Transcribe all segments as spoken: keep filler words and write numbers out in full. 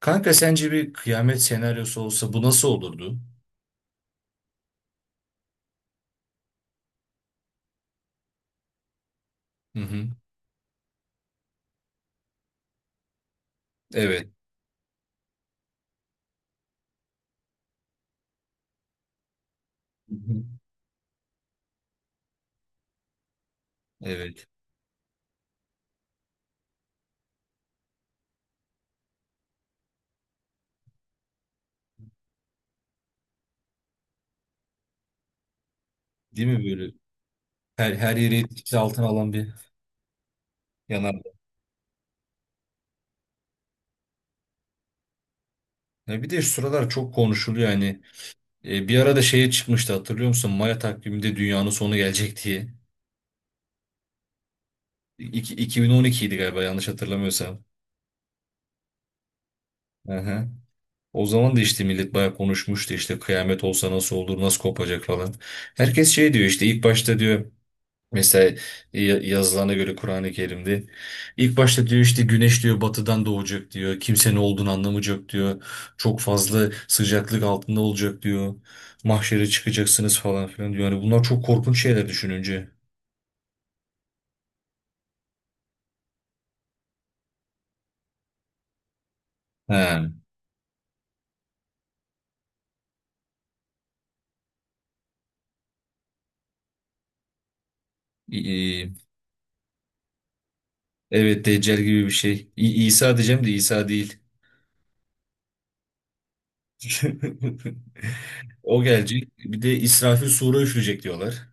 Kanka sence bir kıyamet senaryosu olsa bu nasıl olurdu? Hı hı. Evet. Hı hı. Evet. Değil mi böyle? Her, her yeri etkisi altına alan bir yanar. Ya bir de şu sıralar çok konuşuluyor yani. E, bir arada şeye çıkmıştı hatırlıyor musun? Maya takviminde dünyanın sonu gelecek diye. İki, iki bin on iki idi galiba, yanlış hatırlamıyorsam. Hı hı. O zaman da işte millet bayağı konuşmuştu, işte kıyamet olsa nasıl olur, nasıl kopacak falan. Herkes şey diyor işte, ilk başta diyor, mesela ya- yazılana göre Kur'an-ı Kerim'de ilk başta diyor, işte güneş diyor batıdan doğacak diyor. Kimse ne olduğunu anlamayacak diyor. Çok fazla sıcaklık altında olacak diyor. Mahşere çıkacaksınız falan filan diyor. Yani bunlar çok korkunç şeyler düşününce. Ha, i- i- evet Deccal gibi bir şey. İ- İsa diyeceğim de İsa değil. O gelecek. Bir de İsrafil sura üfleyecek diyorlar.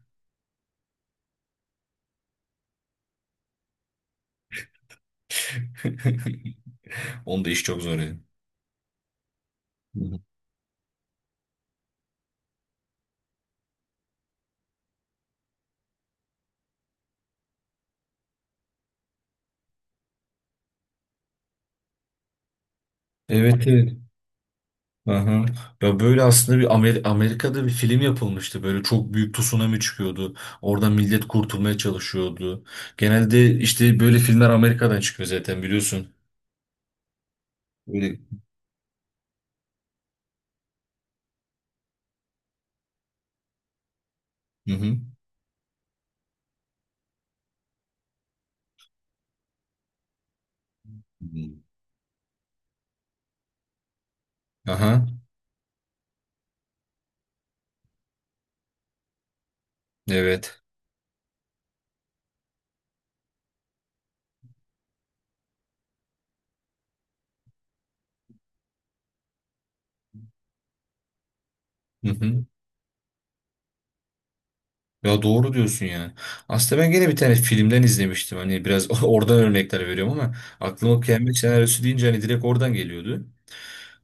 Onda iş çok zor yani. Hı hı. Evet, evet. Aha. Ya böyle aslında bir Amer- Amerika'da bir film yapılmıştı. Böyle çok büyük tsunami çıkıyordu. Orada millet kurtulmaya çalışıyordu. Genelde işte böyle filmler Amerika'dan çıkıyor zaten, biliyorsun. Öyle. Hı hı. Hı. Aha. Evet. Hı hı. Ya doğru diyorsun yani. Aslında ben gene bir tane filmden izlemiştim. Hani biraz oradan örnekler veriyorum ama aklıma kıyamet senaryosu deyince hani direkt oradan geliyordu.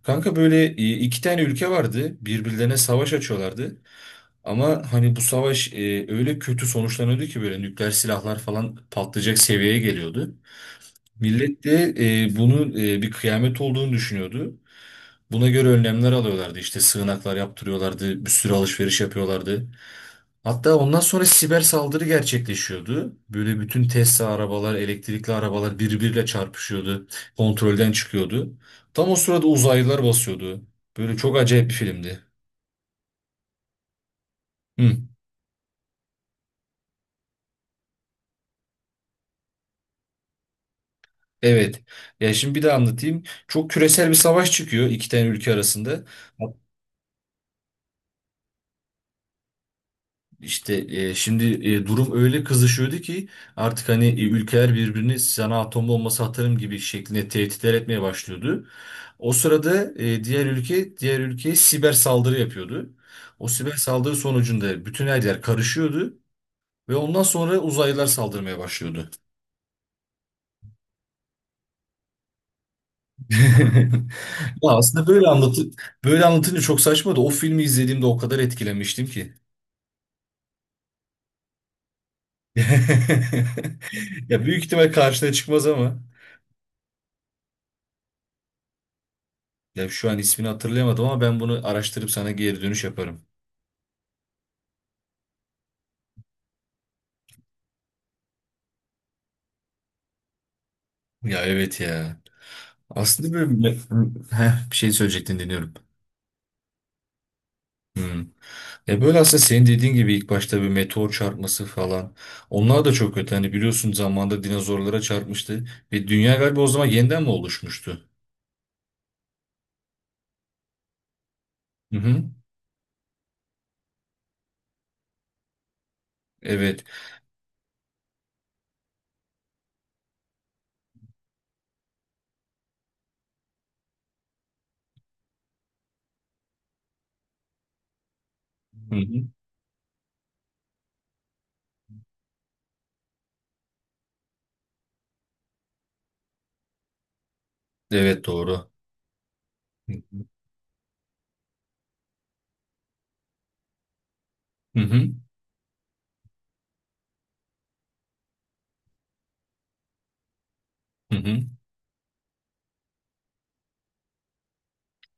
Kanka böyle e, iki tane ülke vardı. Birbirlerine savaş açıyorlardı. Ama hani bu savaş e, öyle kötü sonuçlanıyordu ki böyle nükleer silahlar falan patlayacak seviyeye geliyordu. Millet de e, bunun e, bir kıyamet olduğunu düşünüyordu. Buna göre önlemler alıyorlardı. İşte sığınaklar yaptırıyorlardı, bir sürü alışveriş yapıyorlardı. Hatta ondan sonra siber saldırı gerçekleşiyordu. Böyle bütün Tesla arabalar, elektrikli arabalar birbiriyle çarpışıyordu. Kontrolden çıkıyordu. Tam o sırada uzaylılar basıyordu. Böyle çok acayip bir filmdi. Hı. Evet. Ya şimdi bir de anlatayım. Çok küresel bir savaş çıkıyor iki tane ülke arasında. İşte e, şimdi e, durum öyle kızışıyordu ki artık hani e, ülkeler birbirini, sana atom bombası atarım gibi şeklinde, tehditler etmeye başlıyordu. O sırada e, diğer ülke diğer ülkeye siber saldırı yapıyordu. O siber saldırı sonucunda bütün her yer karışıyordu ve ondan sonra uzaylılar saldırmaya başlıyordu. Ya aslında böyle anlatı böyle anlatınca çok saçma da o filmi izlediğimde o kadar etkilenmiştim ki. Ya büyük ihtimal karşına çıkmaz ama. Ya şu an ismini hatırlayamadım ama ben bunu araştırıp sana geri dönüş yaparım. Ya evet ya. Aslında böyle. Heh, bir şey söyleyecektin, dinliyorum. Hmm. Ya böyle aslında senin dediğin gibi, ilk başta bir meteor çarpması falan. Onlar da çok kötü. Hani biliyorsun, zamanında dinozorlara çarpmıştı. Ve dünya galiba o zaman yeniden mi oluşmuştu? Hı hı. Evet. Hı hı. Evet doğru. Hı hı. Hı hı.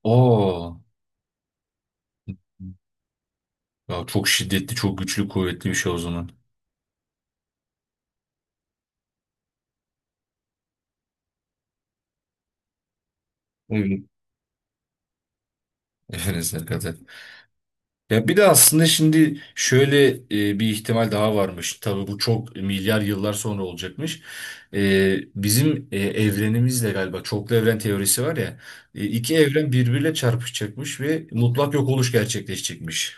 Oo. Ya çok şiddetli, çok güçlü, kuvvetli bir şey o zaman. Uygun. Efelesine kadar. Ya bir de aslında şimdi şöyle e, bir ihtimal daha varmış. Tabii bu çok milyar yıllar sonra olacakmış. E, bizim e, evrenimizle galiba, çoklu evren teorisi var ya, e, iki evren birbiriyle çarpışacakmış ve mutlak yok oluş gerçekleşecekmiş.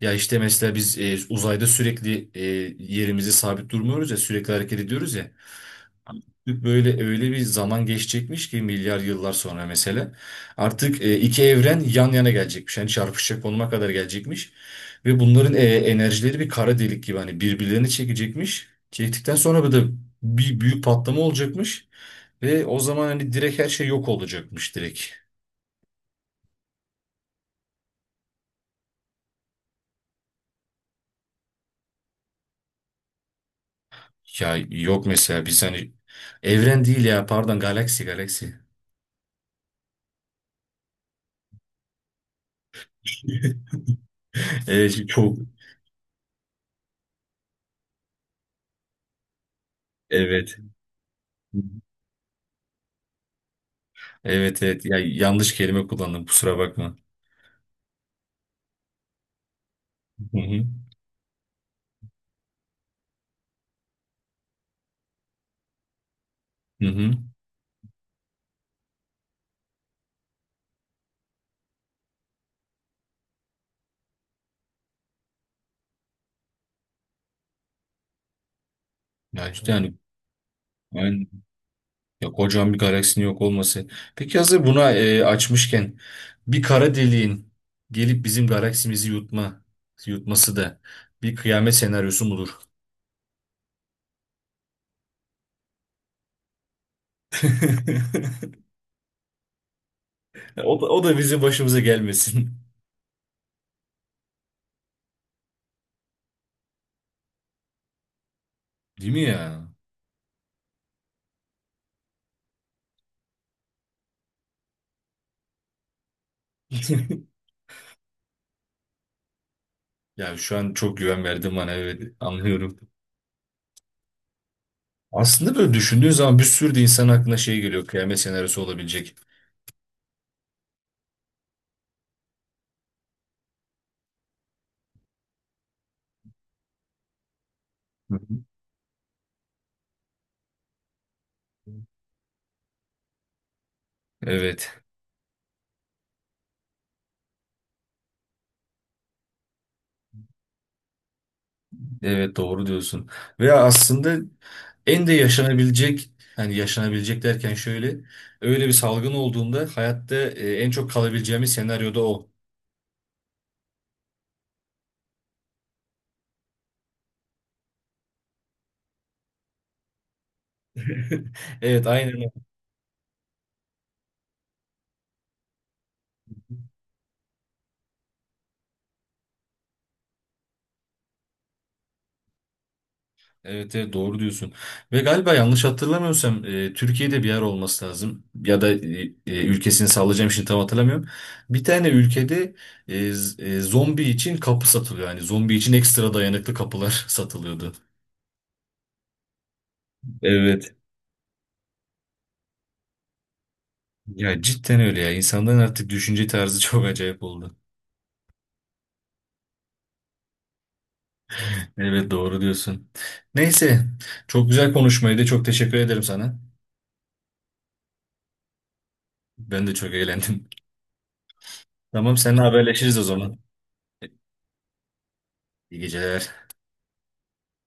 Ya işte mesela biz e, uzayda sürekli e, yerimize sabit durmuyoruz ya, sürekli hareket ediyoruz ya. Böyle öyle bir zaman geçecekmiş ki milyar yıllar sonra mesela. Artık e, iki evren yan yana gelecekmiş. Yani çarpışacak konuma kadar gelecekmiş. Ve bunların e, enerjileri bir kara delik gibi hani birbirlerini çekecekmiş. Çektikten sonra bir de bir büyük patlama olacakmış. Ve o zaman hani direkt her şey yok olacakmış, direkt. Ya yok mesela biz hani evren değil ya, pardon, galaksi, galaksi. Evet, çok evet. Evet, evet, ya yanlış kelime kullandım, kusura bakma. Hı hı. Hı hı. Ya işte, yani yani ya, kocaman bir galaksinin yok olması. Peki hazır buna e, açmışken, bir kara deliğin gelip bizim galaksimizi yutma yutması da bir kıyamet senaryosu mudur? O da, o da bizim başımıza gelmesin. Değil mi ya? Ya şu an çok güven verdim bana, evet, anlıyorum. Aslında böyle düşündüğün zaman bir sürü de insan aklına şey geliyor, kıyamet senaryosu olabilecek. Hı hı. Evet. Evet doğru diyorsun. Ve aslında en de yaşanabilecek hani yaşanabilecek derken şöyle, öyle bir salgın olduğunda hayatta e, en çok kalabileceğimiz senaryoda o. Evet aynen. O. Evet, evet doğru diyorsun. Ve galiba yanlış hatırlamıyorsam e, Türkiye'de bir yer olması lazım. Ya da e, e, ülkesini sallayacağım şimdi, tam hatırlamıyorum. Bir tane ülkede e, z- e, zombi için kapı satılıyor. Yani zombi için ekstra dayanıklı kapılar satılıyordu. Evet. Ya cidden öyle ya. İnsanların artık düşünce tarzı çok acayip oldu. Evet doğru diyorsun. Neyse, çok güzel konuşmaydı. Çok teşekkür ederim sana. Ben de çok eğlendim. Tamam, seninle haberleşiriz o zaman. İyi geceler.